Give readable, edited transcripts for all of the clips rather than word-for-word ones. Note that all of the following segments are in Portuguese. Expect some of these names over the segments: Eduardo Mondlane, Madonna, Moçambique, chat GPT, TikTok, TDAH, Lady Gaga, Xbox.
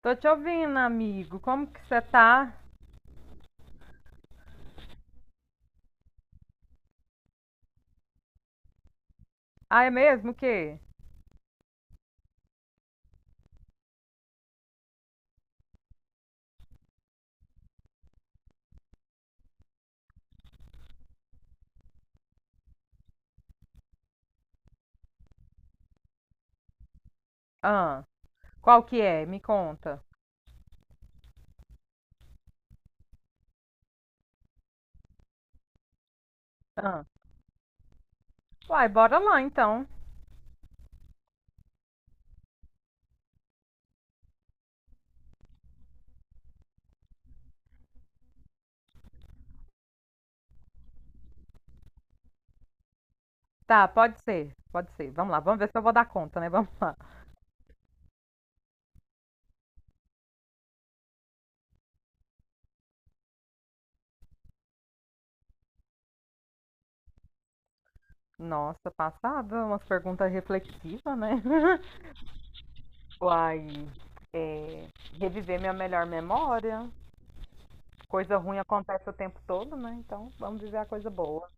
Tô te ouvindo, amigo. Como que você tá? Ah, é mesmo? O quê? Ah, qual que é? Me conta. Ah, uai, bora lá então. Tá, pode ser. Pode ser. Vamos lá, vamos ver se eu vou dar conta, né? Vamos lá. Nossa, passada, umas perguntas reflexivas, né? Uai, é, reviver minha melhor memória. Coisa ruim acontece o tempo todo, né? Então, vamos viver a coisa boa.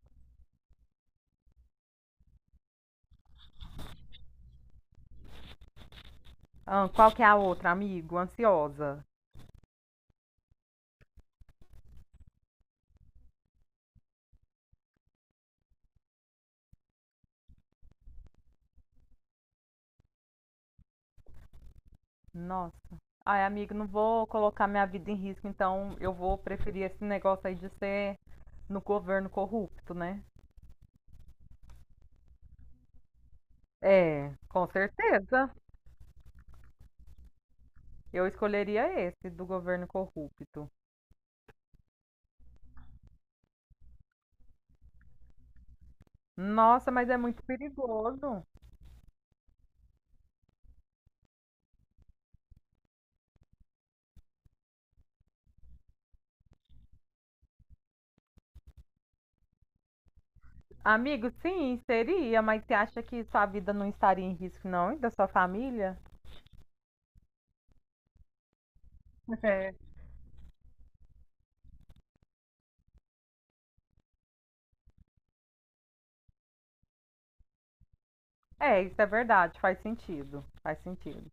Ah, qual que é a outra, amigo? Ansiosa. Nossa. Ai, amigo, não vou colocar minha vida em risco, então eu vou preferir esse negócio aí de ser no governo corrupto, né? É, com certeza. Eu escolheria esse do governo corrupto. Nossa, mas é muito perigoso. Amigo, sim, seria, mas você acha que sua vida não estaria em risco, não, e da sua família? É. É, isso é verdade, faz sentido. Faz sentido.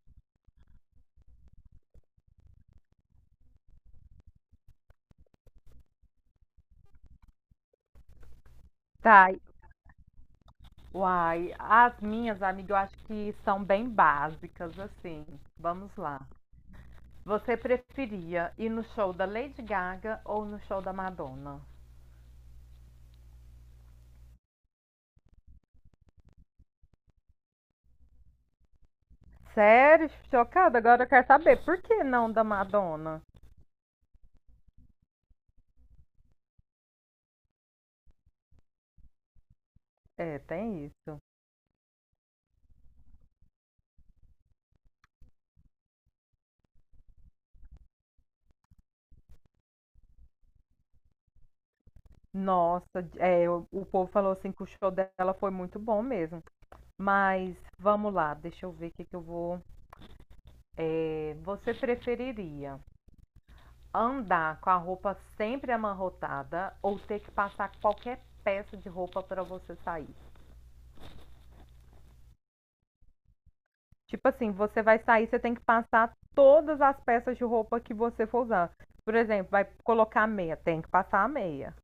Tá, uai, as minhas, amiga, eu acho que são bem básicas, assim. Vamos lá. Você preferia ir no show da Lady Gaga ou no show da Madonna? Sério? Chocada? Agora eu quero saber. Por que não da Madonna? É, tem isso. Nossa, é, o povo falou assim que o show dela foi muito bom mesmo. Mas vamos lá, deixa eu ver o que eu vou. É, você preferiria andar com a roupa sempre amarrotada ou ter que passar qualquer peça de roupa para você sair. Tipo assim, você vai sair, você tem que passar todas as peças de roupa que você for usar. Por exemplo, vai colocar meia, tem que passar a meia.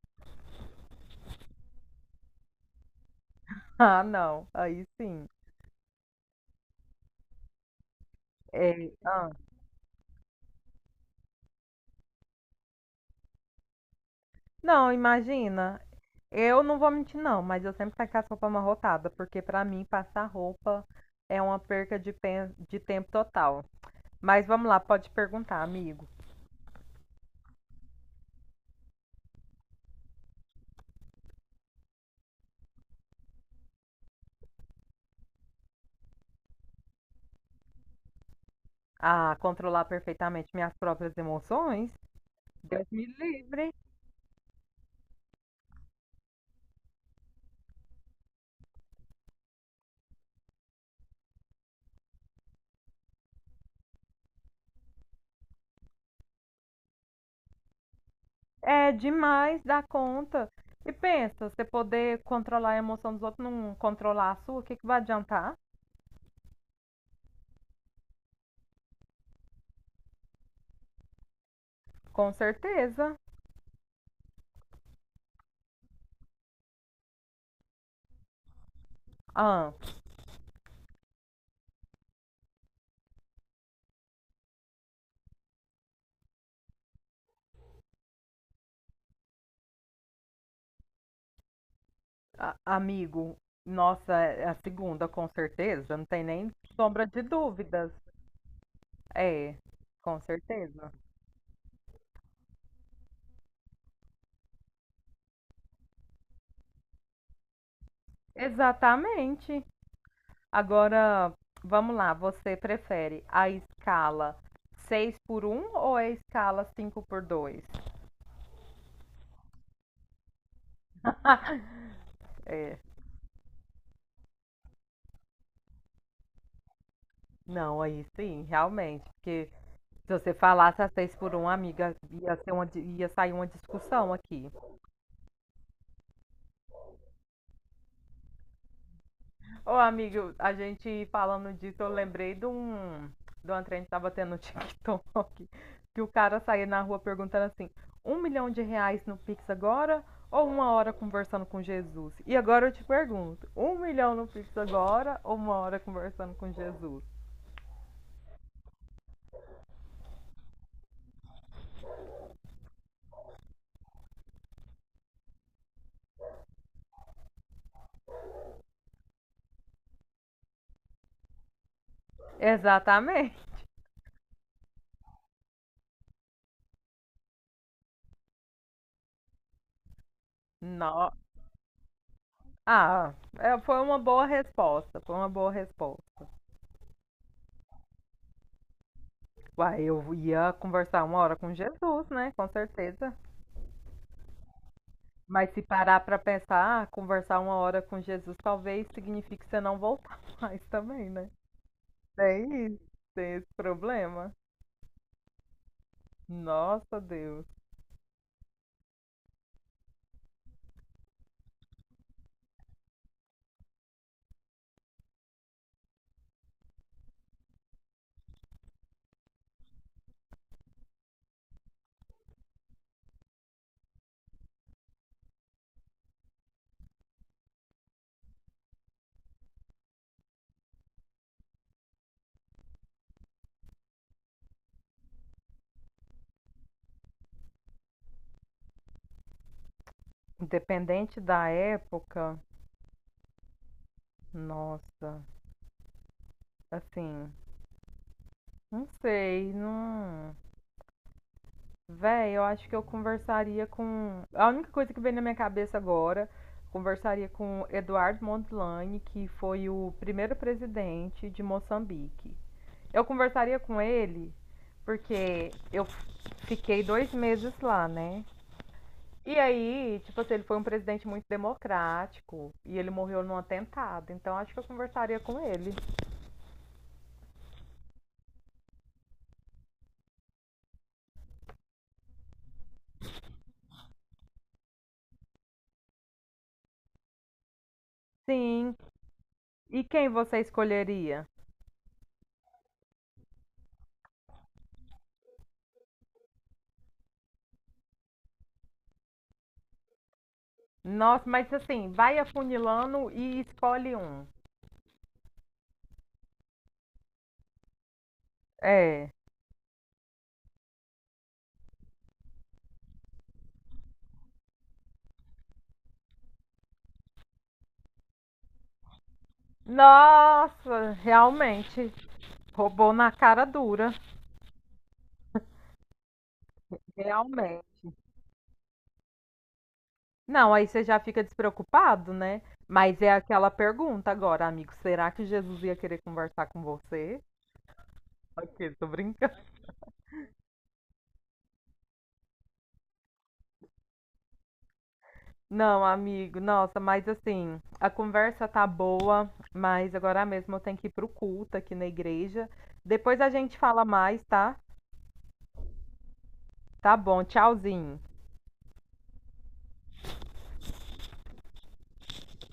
Ah, não, aí sim. É, ah. Não, imagina. Eu não vou mentir, não, mas eu sempre saio com as roupas amarrotadas, porque pra mim passar roupa é uma perca de, de tempo total. Mas vamos lá, pode perguntar, amigo. Ah, controlar perfeitamente minhas próprias emoções, Deus me livre. É demais da conta. E pensa, você poder controlar a emoção dos outros, não controlar a sua, o que vai adiantar? Com certeza. Ah, amigo, nossa, é a segunda, com certeza, não tem nem sombra de dúvidas. É, com certeza. Exatamente. Agora, vamos lá, você prefere a escala 6 por um ou a escala 5 por 2? É, não, aí sim, realmente, porque se você falasse a 6 por um, amiga, ia ser uma, ia sair uma discussão aqui. Ô, amigo, a gente falando disso, eu lembrei de um. De uma trend que tava tendo no TikTok. Que o cara saía na rua perguntando assim: 1.000.000 de reais no Pix agora ou uma hora conversando com Jesus? E agora eu te pergunto: 1.000.000 no Pix agora ou uma hora conversando com Jesus? Exatamente. Não. Ah, é, foi uma boa resposta. Foi uma boa resposta. Uai, eu ia conversar uma hora com Jesus, né? Com certeza. Mas se parar para pensar, ah, conversar uma hora com Jesus talvez signifique você não voltar mais também, né? Tem isso, tem esse problema. Nossa, Deus. Independente da época, nossa, assim, não sei, não. Véi, eu acho que eu conversaria com. A única coisa que vem na minha cabeça agora, conversaria com Eduardo Mondlane, que foi o primeiro presidente de Moçambique. Eu conversaria com ele, porque eu fiquei 2 meses lá, né? E aí, tipo assim, ele foi um presidente muito democrático e ele morreu num atentado. Então acho que eu conversaria com ele. Sim. E quem você escolheria? Nossa, mas assim, vai afunilando e escolhe um. É. Nossa, realmente. Roubou na cara dura. Realmente. Não, aí você já fica despreocupado, né. Mas é aquela pergunta agora: "Amigo, será que Jesus ia querer conversar com você?" Ok, tô brincando. Não, amigo, nossa, mas assim, a conversa tá boa, mas agora mesmo eu tenho que ir para culto aqui na igreja. Depois a gente fala mais, tá? Tá bom, tchauzinho.